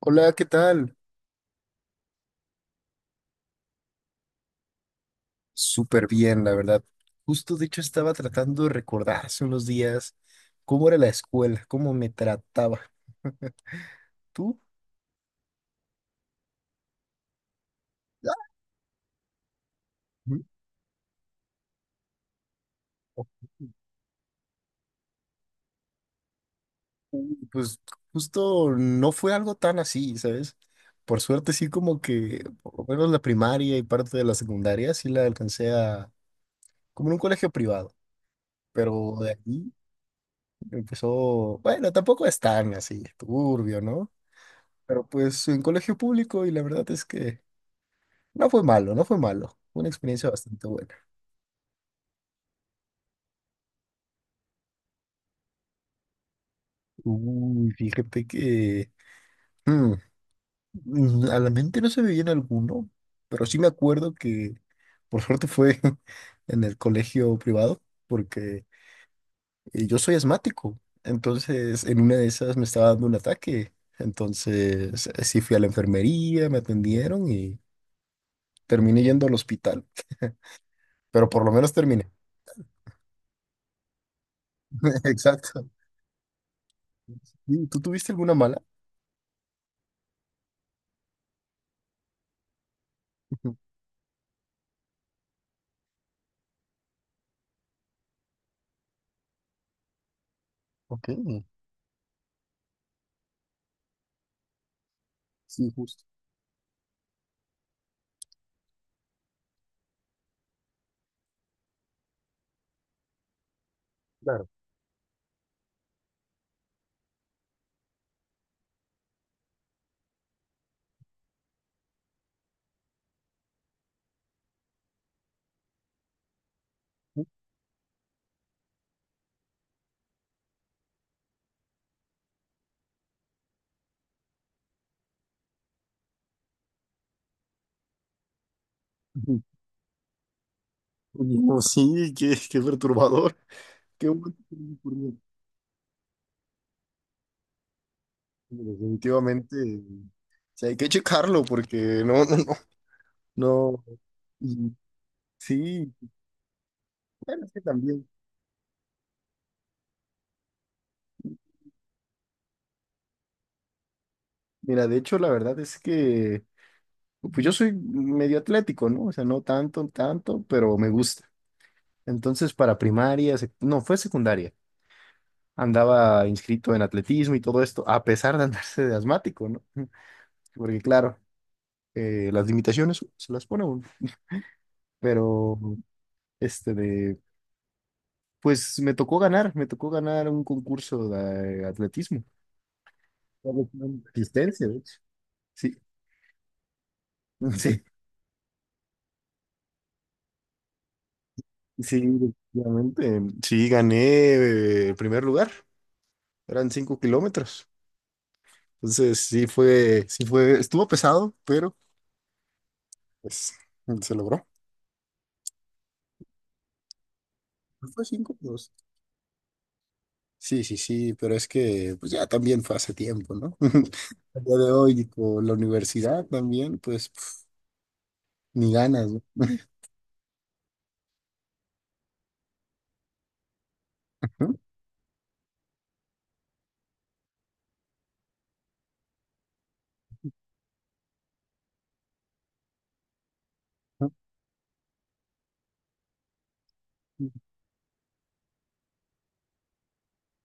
Hola, ¿qué tal? Súper bien, la verdad. Justo, de hecho, estaba tratando de recordar hace unos días cómo era la escuela, cómo me trataba. ¿Tú? Ah, ujú. Pues justo no fue algo tan así, ¿sabes? Por suerte sí como que, por lo menos la primaria y parte de la secundaria sí la alcancé a, como en un colegio privado, pero de aquí empezó, bueno, tampoco es tan así, turbio, ¿no? Pero pues en colegio público y la verdad es que no fue malo, no fue malo. Fue una experiencia bastante buena. Uy, fíjate que mm, a la mente no se me viene alguno, pero sí me acuerdo que por suerte fue en el colegio privado, porque yo soy asmático. Entonces, en una de esas me estaba dando un ataque. Entonces, sí fui a la enfermería, me atendieron y terminé yendo al hospital. Pero por lo menos terminé. Exacto. Sí, ¿tú tuviste alguna mala? Ok, sí, justo. Claro. Oye, no, sí, qué perturbador. Qué bueno que no me ocurrió. Definitivamente, sí, hay que checarlo porque no, no, no, no. Y sí, bueno, es que también. Mira, de hecho, la verdad es que pues yo soy medio atlético, ¿no? O sea, no tanto, tanto, pero me gusta. Entonces, para primaria, no, fue secundaria. Andaba inscrito en atletismo y todo esto, a pesar de andarse de asmático, ¿no? Porque claro, las limitaciones se las pone uno. Pero este de, me tocó ganar un concurso de atletismo. Asistencia, de hecho. Sí, sí, sí, definitivamente. Sí, gané primer lugar. Eran 5 kilómetros. Entonces, sí fue, estuvo pesado, pero pues se logró. ¿No fue cinco 2? Sí, sí, sí, pero es que pues ya también fue hace tiempo, ¿no? El día de hoy con la universidad también, pues pf, ni ganas, ¿no?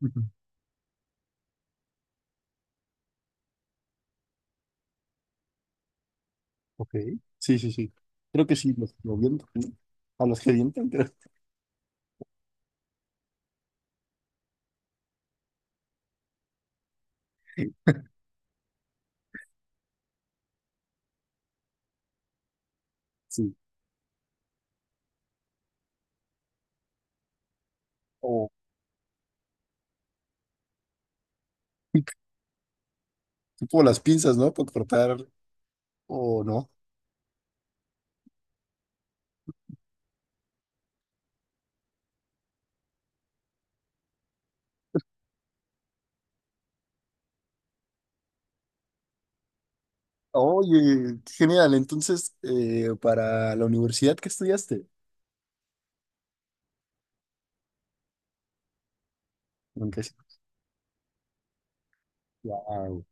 Ujú. Ok. Sí, sí, sí. Creo que sí, los gedientes, ¿no? A los gedientes, creo. Sí. O tipo las pinzas, ¿no? Para cortar o no. Oye, qué genial. Entonces, para la universidad, ¿qué estudiaste? Aunque sí. Wow.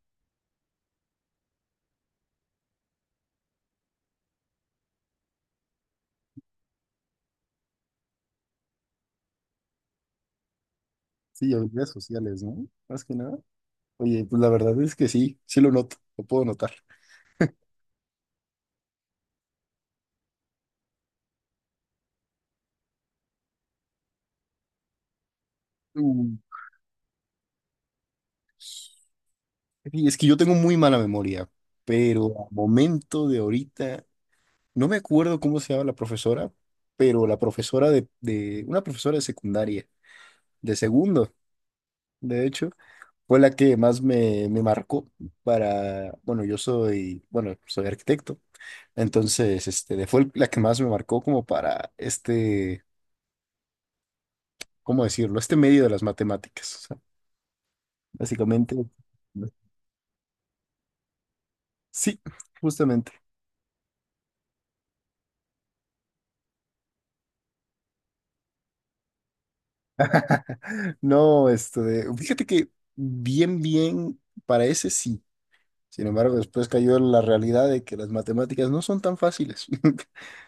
Sí, habilidades sociales, ¿no? Más que nada. Oye, pues la verdad es que sí, sí lo noto, lo puedo notar. Mm, Y es que yo tengo muy mala memoria, pero a momento de ahorita no me acuerdo cómo se llama la profesora, pero la profesora de una profesora de secundaria, de segundo, de hecho, fue la que más me marcó para, bueno, yo soy, bueno, soy arquitecto, entonces, este, fue la que más me marcó como para este, ¿cómo decirlo? Este medio de las matemáticas, o sea, básicamente. Sí, justamente. No, este, fíjate que bien, bien, para ese sí. Sin embargo, después cayó la realidad de que las matemáticas no son tan fáciles,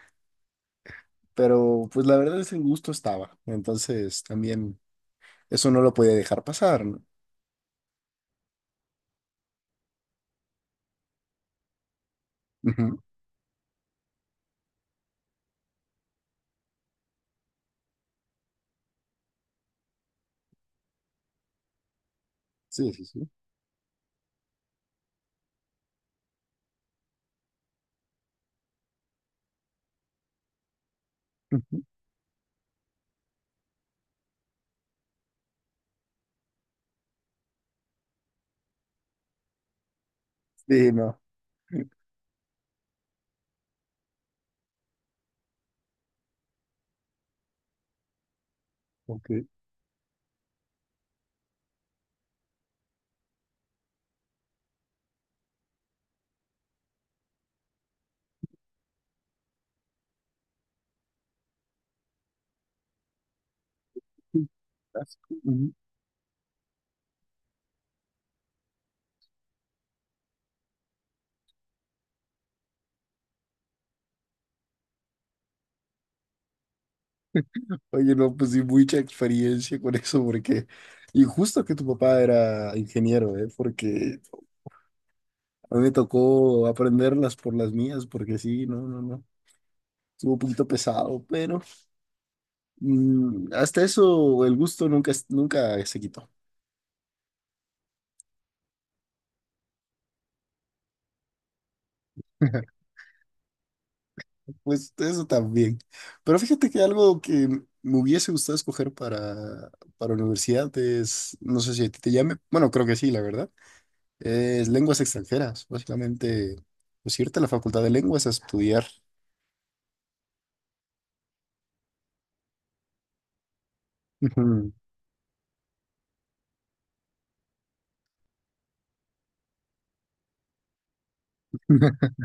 pero pues la verdad es que el gusto estaba, entonces también eso no lo podía dejar pasar, ¿no? Ujú. Sí, sí, sí. Ujú. Sí, no. Ok. Ujú. Oye, no, pues sí, mucha experiencia con eso, porque, y justo que tu papá era ingeniero, ¿eh? Porque a mí me tocó aprenderlas por las mías, porque sí, no, no, no, estuvo un poquito pesado, pero hasta eso el gusto nunca, nunca se quitó. Pues eso también. Pero fíjate que algo que me hubiese gustado escoger para universidad es, no sé si a ti te llame, bueno, creo que sí, la verdad, es lenguas extranjeras. Básicamente, pues irte a la Facultad de Lenguas a estudiar. Ujú.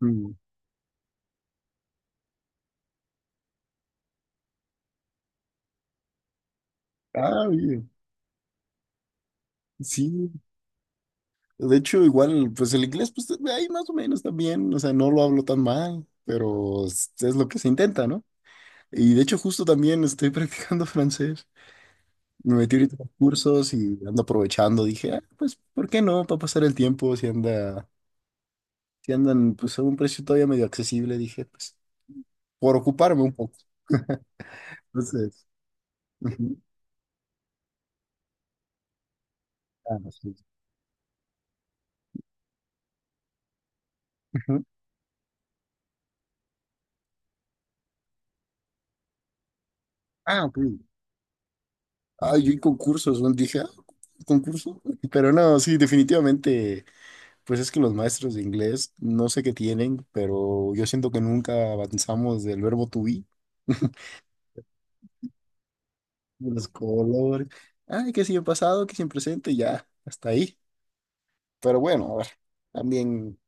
Ujú. Ah, bien. Sí, de hecho, igual, pues el inglés, pues ahí más o menos también, o sea, no lo hablo tan mal, pero es lo que se intenta, ¿no? Y de hecho justo también estoy practicando francés. Me metí ahorita en los cursos y ando aprovechando. Dije, "Ah, pues, ¿por qué no? Para pasar el tiempo, si andan pues a un precio todavía medio accesible, dije, pues, por ocuparme un poco. Entonces, ujú. Ah, sí. Ujú. Ah, ok. Ah, yo y concursos, ¿no? Dije, ah, concurso. Pero no, sí, definitivamente, pues es que los maestros de inglés, no sé qué tienen, pero yo siento que nunca avanzamos del verbo to be. Los colores. Ay, que si en pasado, que si en presente, ya, hasta ahí. Pero bueno, a ver, también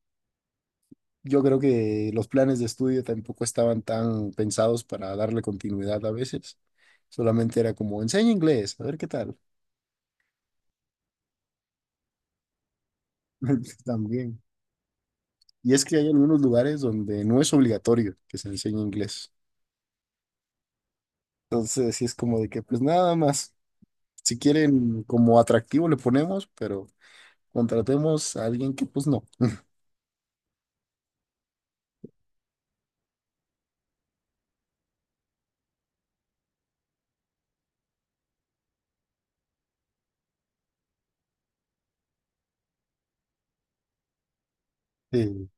yo creo que los planes de estudio tampoco estaban tan pensados para darle continuidad a veces. Solamente era como, enseña inglés, a ver qué tal. También. Y es que hay algunos lugares donde no es obligatorio que se enseñe inglés. Entonces, sí es como de que, pues nada más, si quieren como atractivo le ponemos, pero contratemos a alguien que pues no. Sí,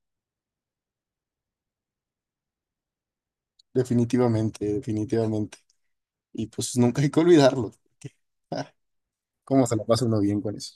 definitivamente, definitivamente. Y pues nunca hay que olvidarlo. ¿Cómo se la pasa uno bien con eso?